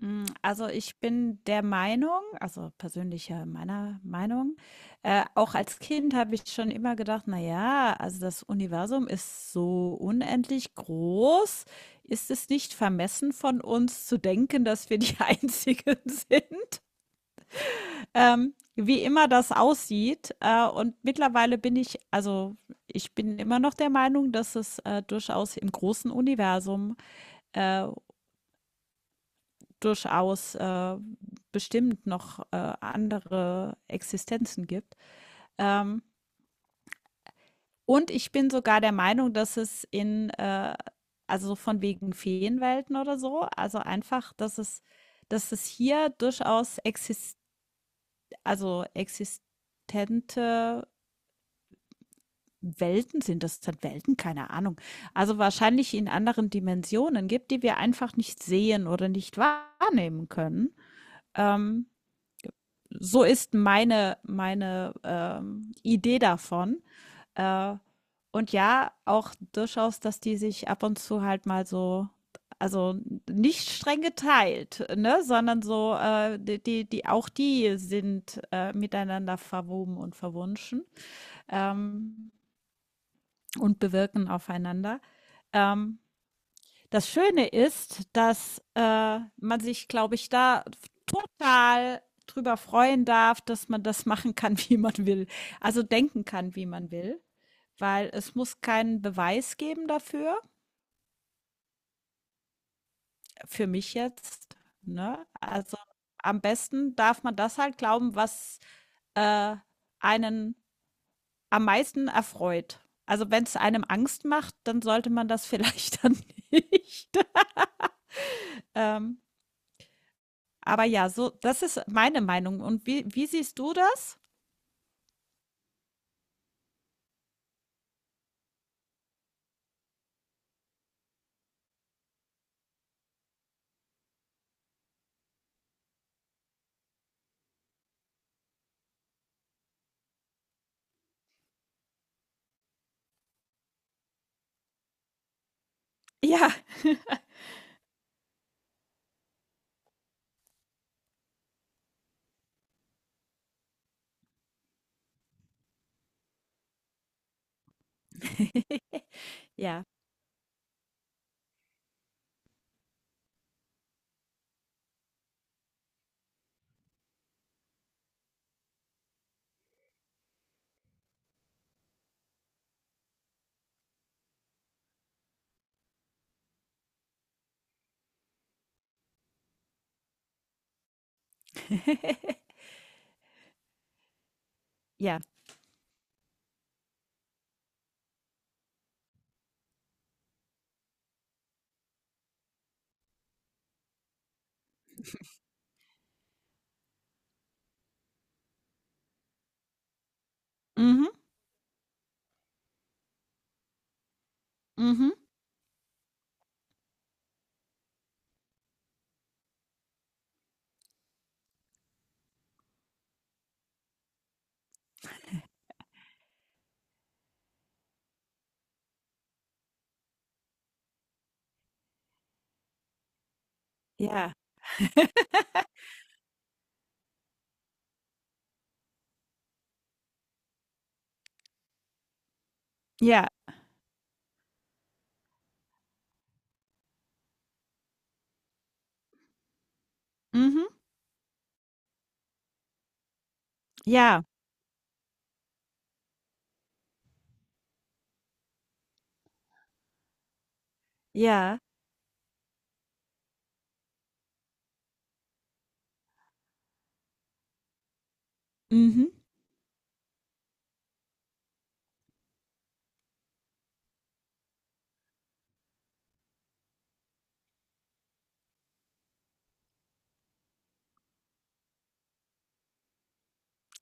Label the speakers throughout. Speaker 1: Also, ich bin der Meinung also, persönlicher meiner Meinung, auch als Kind habe ich schon immer gedacht: „Na ja, also, das Universum ist so unendlich groß. Ist es nicht vermessen von uns zu denken, dass wir die Einzigen sind?" Wie immer das aussieht, und mittlerweile bin ich also, ich bin immer noch der Meinung, dass es, durchaus im großen Universum, äh, durchaus, bestimmt noch, andere Existenzen gibt. Ähm, und ich bin sogar der Meinung, dass es in, also so von wegen Feenwelten oder so, also einfach, dass es hier durchaus exist also existente Welten sind das sind Welten? Keine Ahnung. Also wahrscheinlich in anderen Dimensionen gibt, die wir einfach nicht sehen oder nicht wahrnehmen können. Ähm, so ist meine Idee davon. Äh, und ja, auch durchaus, dass die sich ab und zu halt mal so, also nicht streng geteilt, ne, sondern so, auch die sind miteinander verwoben und verwunschen ähm, und bewirken aufeinander. Ähm, Das Schöne ist, dass, man sich, glaube ich, da total drüber freuen darf, dass man das machen kann, wie man will. Also denken kann, wie man will, weil es muss keinen Beweis geben dafür, für mich jetzt, ne? Also am besten darf man das halt glauben, was, äh, einen am meisten erfreut. Also wenn es einem Angst macht, dann sollte man das vielleicht dann nicht, ähm, aber ja, so das ist meine Meinung. Und wie siehst du das? Ja. Ja. Ja. Mhm. Mhm. Ja. Ja. Mhm. Ja. Ja. Mhm.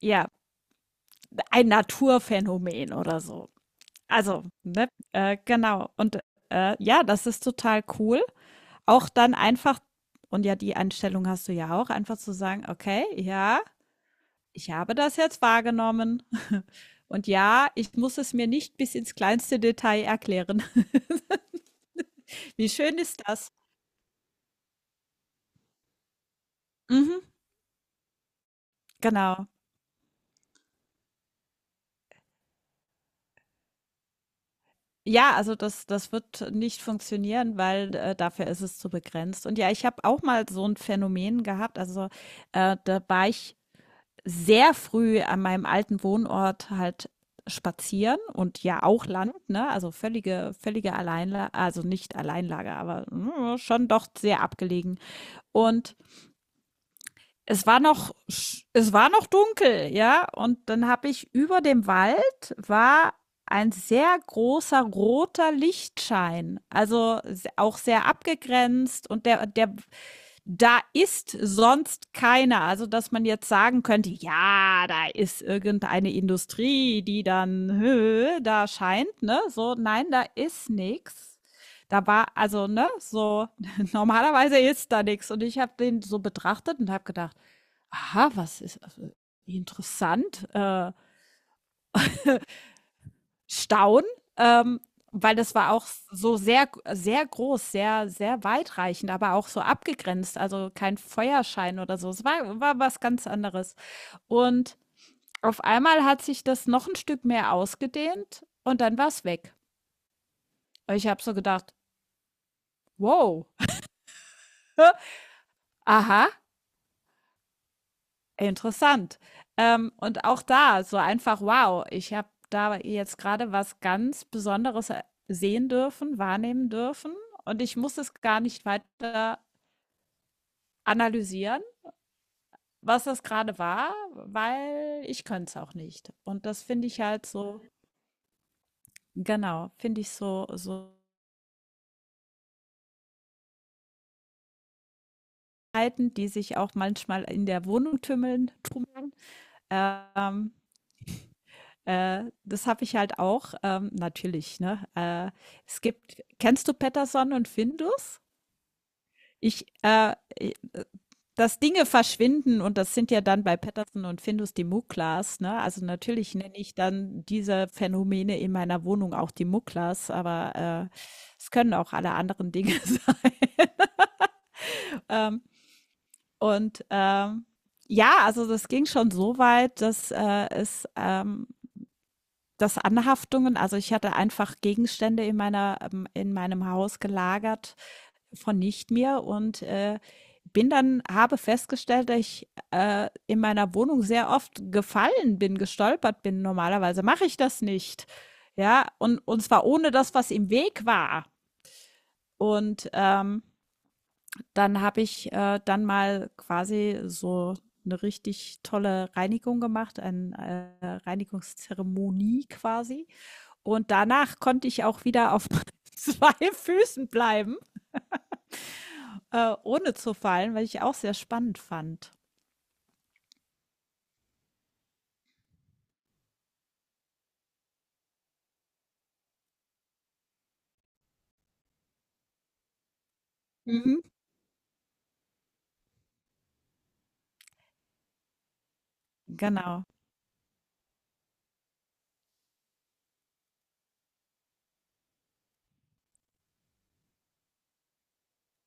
Speaker 1: Ja, ein Naturphänomen oder so. Also, ne, genau. Und, ja, das ist total cool. Auch dann einfach und ja, die Einstellung hast du ja auch, einfach zu sagen: „Okay, ja, ich habe das jetzt wahrgenommen. Und ja, ich muss es mir nicht bis ins kleinste Detail erklären." Wie schön ist das? Mhm, genau. Ja, also das wird nicht funktionieren, weil, dafür ist es zu begrenzt. Und ja, ich habe auch mal so ein Phänomen gehabt, also, da war ich sehr früh an meinem alten Wohnort halt spazieren und ja auch Land, ne? Also völlige Alleinla also nicht Alleinlage, aber, schon doch sehr abgelegen. Und es war noch, es war noch dunkel, ja. Und dann habe ich über dem Wald war ein sehr großer roter Lichtschein. Also auch sehr abgegrenzt und da ist sonst keiner. Also, dass man jetzt sagen könnte, ja, da ist irgendeine Industrie, die dann, da scheint, ne? So, nein, da ist nichts. Da war, also, ne, so, normalerweise ist da nichts. Und ich habe den so betrachtet und habe gedacht, aha, was ist also, interessant, Staunen, ähm, weil das war auch so sehr, sehr groß, sehr, sehr weitreichend, aber auch so abgegrenzt, also kein Feuerschein oder so. Es war was ganz anderes. Und auf einmal hat sich das noch ein Stück mehr ausgedehnt und dann war es weg. Ich habe so gedacht, wow, aha, interessant. Und auch da so einfach, wow, ich habe da jetzt gerade was ganz Besonderes e sehen dürfen, wahrnehmen dürfen und ich muss es gar nicht weiter analysieren, was das gerade war, weil ich könnte es auch nicht. Und das finde ich halt so, genau, finde ich so, Verhalten, die sich auch manchmal in der Wohnung tümmeln, tummeln, ähm, das habe ich halt auch, natürlich, ne? Es gibt, kennst du Patterson und Findus? Ich, äh, i- äh, Dass Dinge verschwinden und das sind ja dann bei Patterson und Findus die Muklas, ne? Also natürlich nenne ich dann diese Phänomene in meiner Wohnung auch die Muklas, aber es können auch alle anderen Dinge sein. Ähm, und ja, also das ging schon so weit, dass es das Anhaftungen, also ich hatte einfach Gegenstände in meiner in meinem Haus gelagert von nicht mir und bin dann, habe festgestellt, dass ich in meiner Wohnung sehr oft gefallen bin, gestolpert bin. Normalerweise mache ich das nicht. Ja, und zwar ohne das, was im Weg war. Und dann habe ich dann mal quasi so eine richtig tolle Reinigung gemacht, eine Reinigungszeremonie quasi. Und danach konnte ich auch wieder auf zwei Füßen bleiben, ohne zu fallen, was ich auch sehr spannend fand. Mhm. Genau.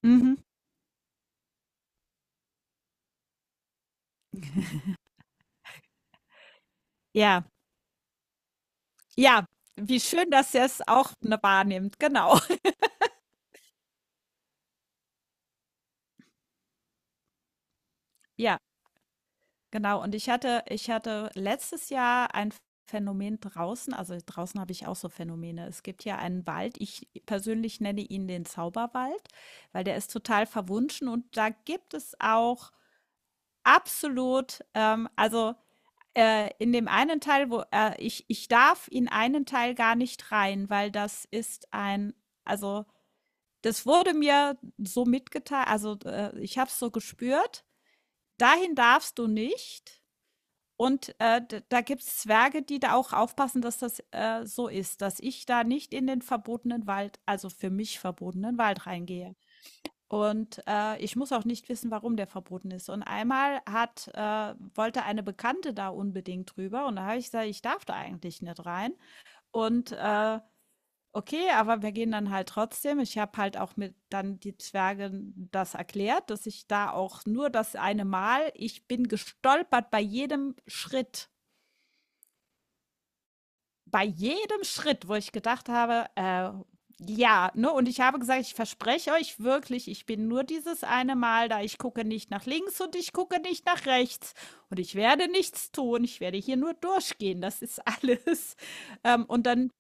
Speaker 1: Mhm. Ja, ja, wie schön, dass ihr es auch ne wahrnimmt. Genau. Ja, genau. Und ich hatte letztes Jahr ein Phänomen draußen, also draußen habe ich auch so Phänomene. Es gibt ja einen Wald, ich persönlich nenne ihn den Zauberwald, weil der ist total verwunschen und da gibt es auch absolut, also in dem einen Teil, wo ich darf in einen Teil gar nicht rein, weil das ist ein, also das wurde mir so mitgeteilt, also ich habe es so gespürt, dahin darfst du nicht. Und da gibt es Zwerge, die da auch aufpassen, dass das so ist, dass ich da nicht in den verbotenen Wald, also für mich verbotenen Wald reingehe. Und, ich muss auch nicht wissen, warum der verboten ist. Und einmal hat wollte eine Bekannte da unbedingt drüber und da habe ich gesagt: „Ich darf da eigentlich nicht rein." Und, okay, aber wir gehen dann halt trotzdem. Ich habe halt auch mit dann die Zwerge das erklärt, dass ich da auch nur das eine Mal ich bin gestolpert bei jedem Schritt. Bei jedem Schritt, wo ich gedacht habe, ja, ne, und ich habe gesagt, ich verspreche euch wirklich, ich bin nur dieses eine Mal da, ich gucke nicht nach links und ich gucke nicht nach rechts und ich werde nichts tun, ich werde hier nur durchgehen, das ist alles. Und dann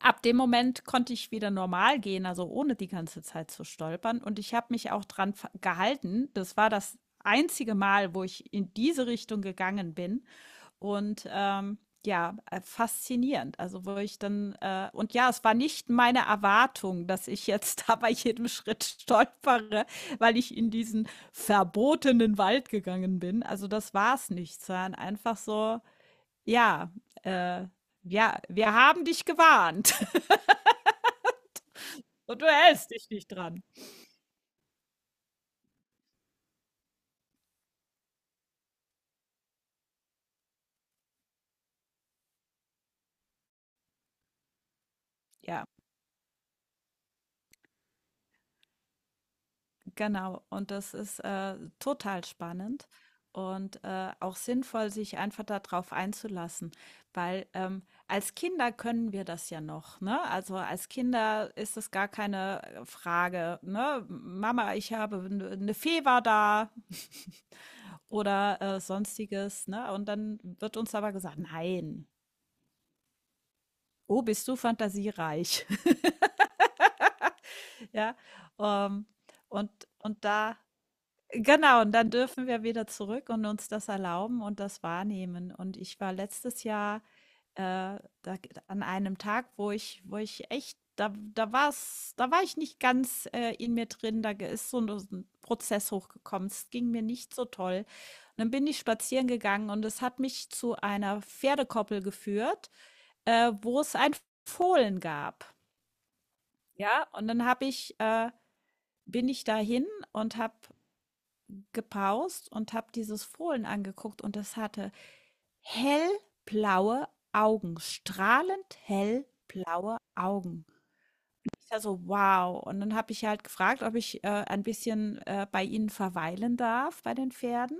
Speaker 1: ab dem Moment konnte ich wieder normal gehen, also ohne die ganze Zeit zu stolpern und ich habe mich auch dran gehalten. Das war das einzige Mal, wo ich in diese Richtung gegangen bin. Und ja, faszinierend. Also wo ich dann, und ja, es war nicht meine Erwartung, dass ich jetzt da bei jedem Schritt stolpere, weil ich in diesen verbotenen Wald gegangen bin. Also das war es nicht, sondern einfach so, ja, äh, ja, wir haben dich gewarnt und du hältst dich nicht dran. Ja. Genau, und das ist total spannend und auch sinnvoll, sich einfach darauf einzulassen, weil als Kinder können wir das ja noch, ne? Also als Kinder ist es gar keine Frage, ne? Mama, ich habe eine Fee war da oder sonstiges, ne? Und dann wird uns aber gesagt, nein, oh, bist du fantasiereich, ja? Ähm, und und da Genau, und dann dürfen wir wieder zurück und uns das erlauben und das wahrnehmen. Und ich war letztes Jahr da, an einem Tag, wo wo ich echt, da war's, da war ich nicht ganz in mir drin, da ist so ein Prozess hochgekommen. Es ging mir nicht so toll. Und dann bin ich spazieren gegangen und es hat mich zu einer Pferdekoppel geführt, wo es ein Fohlen gab. Ja, und dann bin ich dahin und habe gepaust und habe dieses Fohlen angeguckt und es hatte hellblaue Augen, strahlend hellblaue Augen. Ich dachte so, wow. Und dann habe ich halt gefragt, ob ich ein bisschen bei ihnen verweilen darf, bei den Pferden.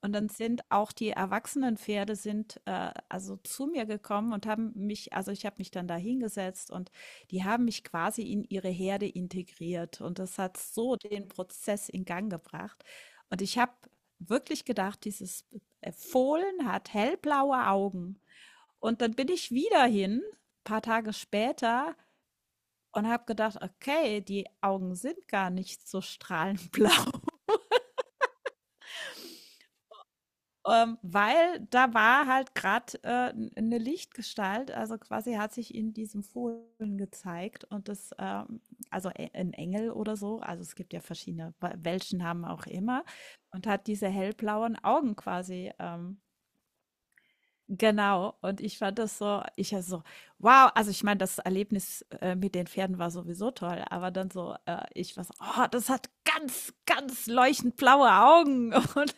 Speaker 1: Und dann sind auch die erwachsenen Pferde sind, also zu mir gekommen und haben mich, also ich habe mich dann da hingesetzt und die haben mich quasi in ihre Herde integriert. Und das hat so den Prozess in Gang gebracht. Und ich habe wirklich gedacht, dieses Fohlen hat hellblaue Augen. Und dann bin ich wieder hin, paar Tage später, und habe gedacht, okay, die Augen sind gar nicht so strahlend blau. Weil da war halt gerade 'ne Lichtgestalt, also, quasi hat sich in diesem Fohlen gezeigt und das, also, e 'n Engel oder so, also, es gibt ja verschiedene we welchen Namen auch immer und hat diese hellblauen Augen quasi, genau. Und ich fand das so ich also so: „Wow!" Also, ich meine, das Erlebnis, mit den Pferden war sowieso toll, aber dann so, ich war so: „Oh, das hat ganz, ganz leuchtend blaue Augen." Und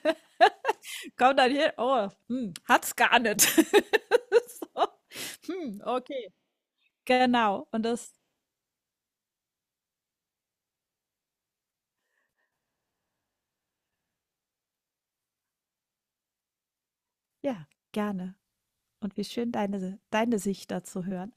Speaker 1: kommt dann hier, oh, hat's gar nicht. So, okay. Genau. Und das ja, gerne. Und wie schön, deine Sicht dazu hören.